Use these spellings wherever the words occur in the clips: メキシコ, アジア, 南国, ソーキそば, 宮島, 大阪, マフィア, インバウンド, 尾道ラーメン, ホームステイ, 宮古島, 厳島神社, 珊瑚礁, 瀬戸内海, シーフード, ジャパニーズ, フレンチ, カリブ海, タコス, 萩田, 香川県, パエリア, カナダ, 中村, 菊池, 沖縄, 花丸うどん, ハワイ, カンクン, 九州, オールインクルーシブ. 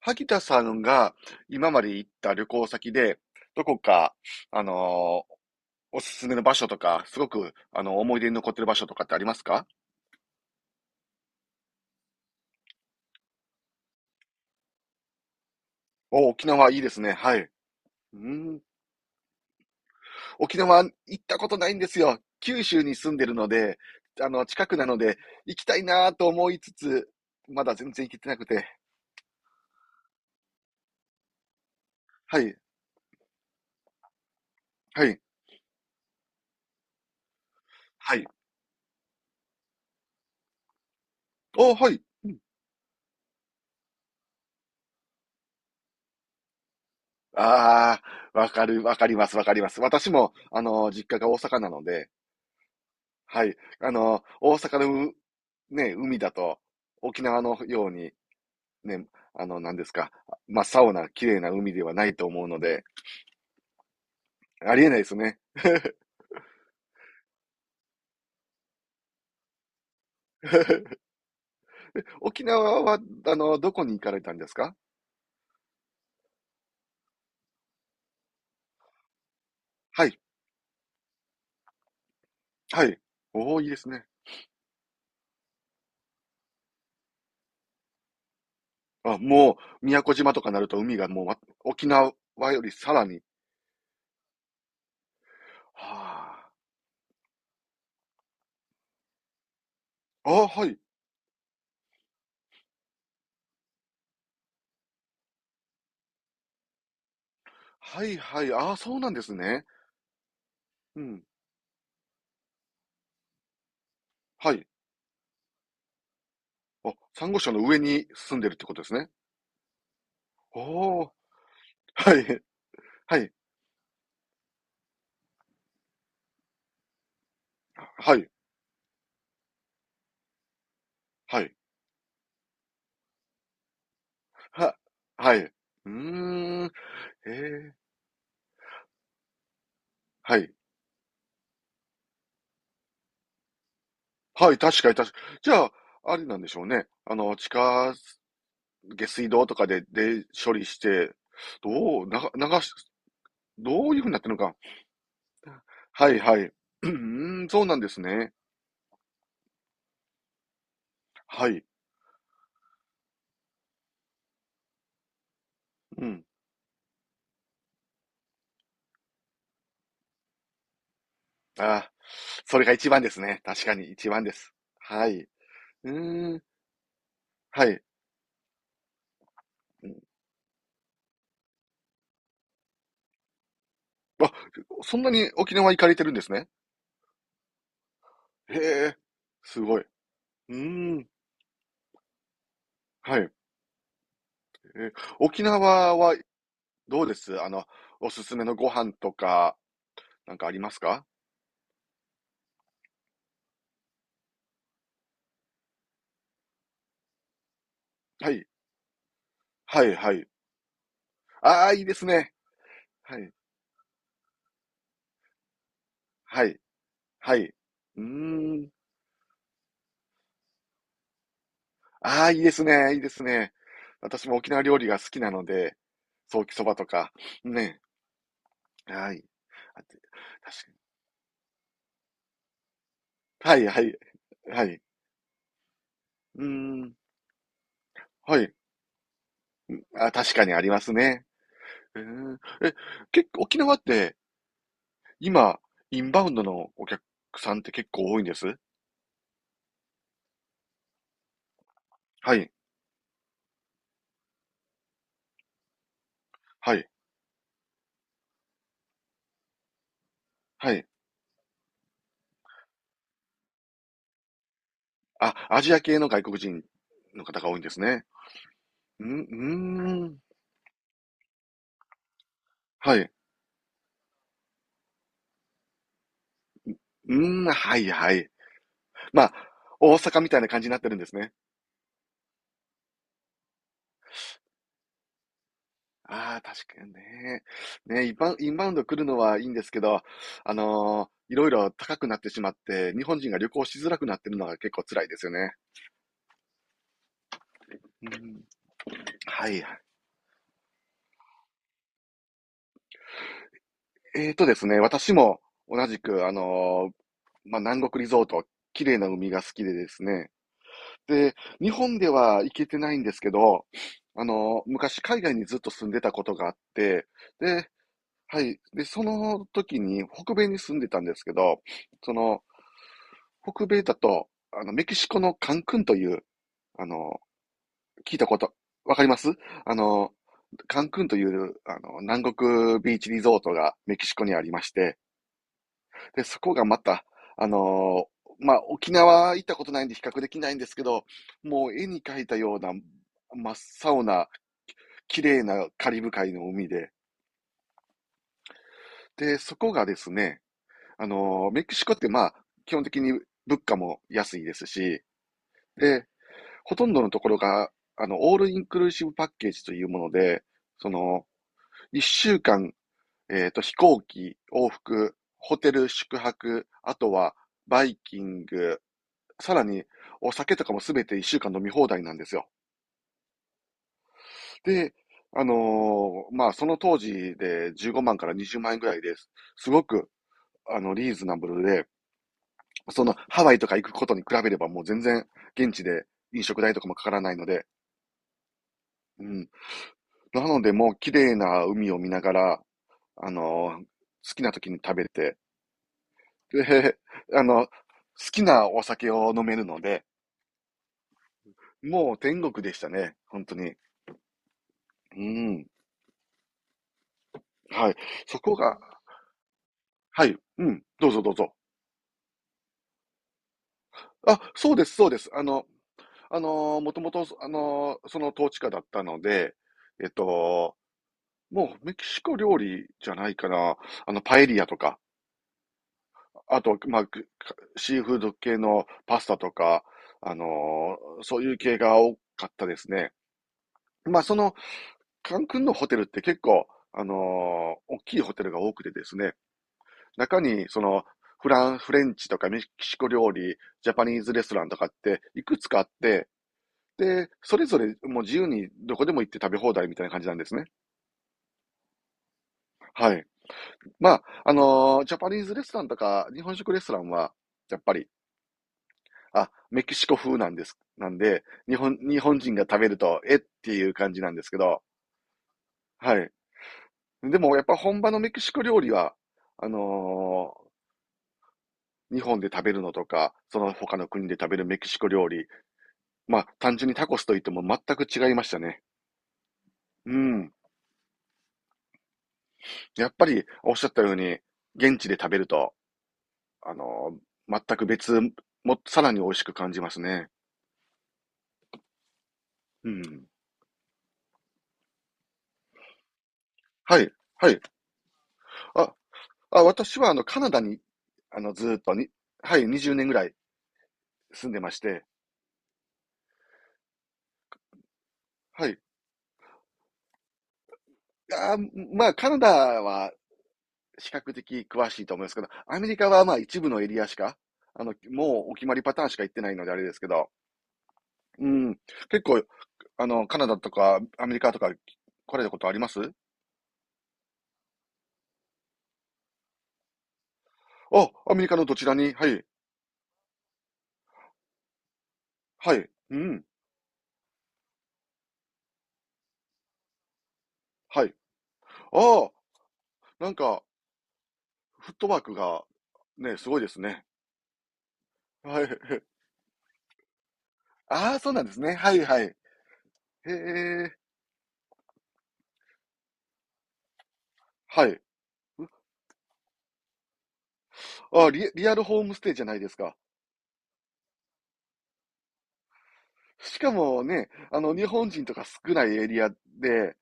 萩田さんが今まで行った旅行先で、どこか、あのーおすすめの場所とか、すごく、思い出に残ってる場所とかってありますか？お、沖縄いいですね。はい。うん。沖縄行ったことないんですよ。九州に住んでるので、あの、近くなので、行きたいなと思いつつ、まだ全然行けてなくて。はい、はい、はい。お、はい。ああ、わかる、わかります、わかります。私も、あの、実家が大阪なので、はい。あの、大阪のう、ね、海だと、沖縄のように、ね、あの、何ですか、真っ青な綺麗な海ではないと思うので、ありえないですね。沖縄は、あの、どこに行かれたんですか？はい、はい。おお、いいですね。あ、もう、宮古島とかなると海がもう、ま沖縄よりさらに。はあ。あ、はい。はいはい。あ、そうなんですね。うん。はい。あ、珊瑚礁の上に住んでるってことですね。おお。はい。はい。はい。はい。は、はい。うーん。へえ。はい。はい、確かに確かにじゃあ、あれなんでしょうね。あの、地下下水道とかで、で、処理して、どう、なが流しどういう風になってるのか。はいはい。うーん、そうなんですね。はい。うん。ああ、それが一番ですね。確かに一番です。はい。うーん。はい。うん。あ、そんなに沖縄行かれてるんですね。へえ、すごい。うーん。はい。え、沖縄はどうですあの、おすすめのご飯とか、なんかありますか？はい。はい、はい。ああ、いいですね。はい、はい、はい。うーん。ああ、いいですね。いいですね。私も沖縄料理が好きなので、ソーキそばとか、ね。はい。あて確かに。はい、はい、はい。うーん。はい。あ、確かにありますね。えー、え、結構沖縄って今、インバウンドのお客さんって結構多いんです？はい、はい、はい。あ、アジア系の外国人の方が多いんですね。うん、うーん。はい。うーん、はい、はい。まあ、大阪みたいな感じになってるんですね。ああ、確かにね。ね、インバウインバウンド来るのはいいんですけど、いろいろ高くなってしまって、日本人が旅行しづらくなってるのが結構辛いですよね。うん、はい。えーとですね、私も同じく、まあ、南国リゾート、綺麗な海が好きでですね、で、日本では行けてないんですけど、あの、昔海外にずっと住んでたことがあって、で、はい。で、その時に北米に住んでたんですけど、その、北米だと、あの、メキシコのカンクンという、あの、聞いたこと、わかります？あの、カンクンという、あの、南国ビーチリゾートがメキシコにありまして、で、そこがまた、あのまあ、沖縄行ったことないんで比較できないんですけど、もう絵に描いたような真っ青な綺麗なカリブ海の海で、で、そこがですね、メキシコってまあ、基本的に物価も安いですし、で、ほとんどのところが、あの、オールインクルーシブパッケージというもので、その、一週間、えっと、飛行機、往復、ホテル、宿泊、あとは、バイキング、さらに、お酒とかもすべて1週間飲み放題なんですよ。で、あのまあ、その当時で15万から20万円ぐらいです。すごく、あの、リーズナブルで、その、ハワイとか行くことに比べればもう全然、現地で飲食代とかもかからないので、うん。なので、もう綺麗な海を見ながら、あのー好きな時に食べて、で、あの、好きなお酒を飲めるので、もう天国でしたね、本当に。うん。はい。そこが、はい。うん。どうぞどうぞ。あ、そうですそうです。あの、もともと、その統治下だったので、えっと、もうメキシコ料理じゃないかな。あの、パエリアとか、あと、まあ、くかシーフード系のパスタとか、あのそういう系が多かったですね。まあ、その、カンクンのホテルって結構、あの、大きいホテルが多くてですね、中に、その、フラン、フレンチとかメキシコ料理、ジャパニーズレストランとかって、いくつかあって、で、それぞれもう自由にどこでも行って食べ放題みたいな感じなんですね。はい。まあ、ジャパニーズレストランとか、日本食レストランは、やっぱり、あ、メキシコ風なんです。なんで、日本、日本人が食べると、えっていう感じなんですけど、はい。でも、やっぱ本場のメキシコ料理は、あのー日本で食べるのとか、その他の国で食べるメキシコ料理、まあ、単純にタコスと言っても全く違いましたね。うん。やっぱり、おっしゃったように、現地で食べると、あのー全く別、も、さらに美味しく感じますね。うん。はい、はい。あ、あ、私は、あの、カナダに、あの、ずーっとに、はい、20年ぐらい住んでまして、はい。あー、まあ、カナダは比較的詳しいと思いますけど、アメリカはまあ一部のエリアしか、あの、もうお決まりパターンしか行ってないのであれですけど、うん。結構、あの、カナダとかアメリカとか来られたことあります？あ、アメリカのどちらにはい。はい。うん。はい。ああ、なんか、フットワークが、ね、すごいですね。はい。ああ、そうなんですね。はいはい。へえ。はい。あ、リ、リアルホームステイじゃないですか。しかもね、あの、日本人とか少ないエリアで、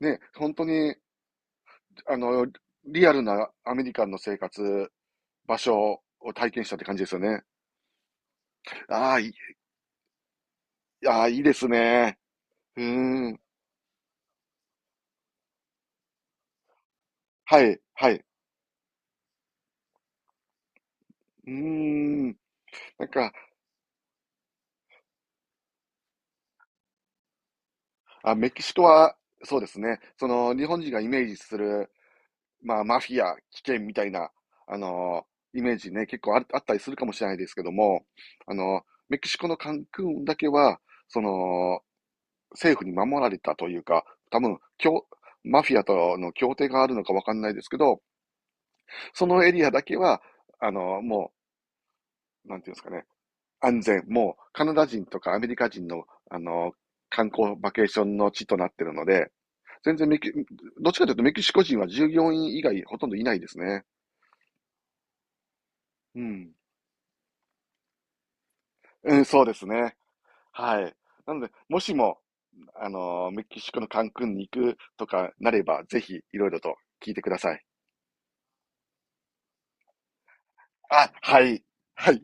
ね、本当に、あの、リアルなアメリカンの生活、場所を体験したって感じですよね。ああ、いああ、いいですね。うーん。はい、はい。うーん。なんか、あ、メキシコは、そうですね。その、日本人がイメージする、まあ、マフィア、危険みたいな、あの、イメージね、結構あ、あったりするかもしれないですけども、あの、メキシコのカンクンだけは、その、政府に守られたというか、多分、協マフィアとの協定があるのかわかんないですけど、そのエリアだけは、あの、もう、なんていうんですかね、安全、もうカナダ人とかアメリカ人の、あの、観光バケーションの地となっているので、全然メキ、どっちかというとメキシコ人は従業員以外ほとんどいないですね。うん。うん、そうですね。はい。なので、もしも、あの、メキシコのカンクンに行くとかなれば、ぜひいろいろと聞いてください。あ、はい。はい。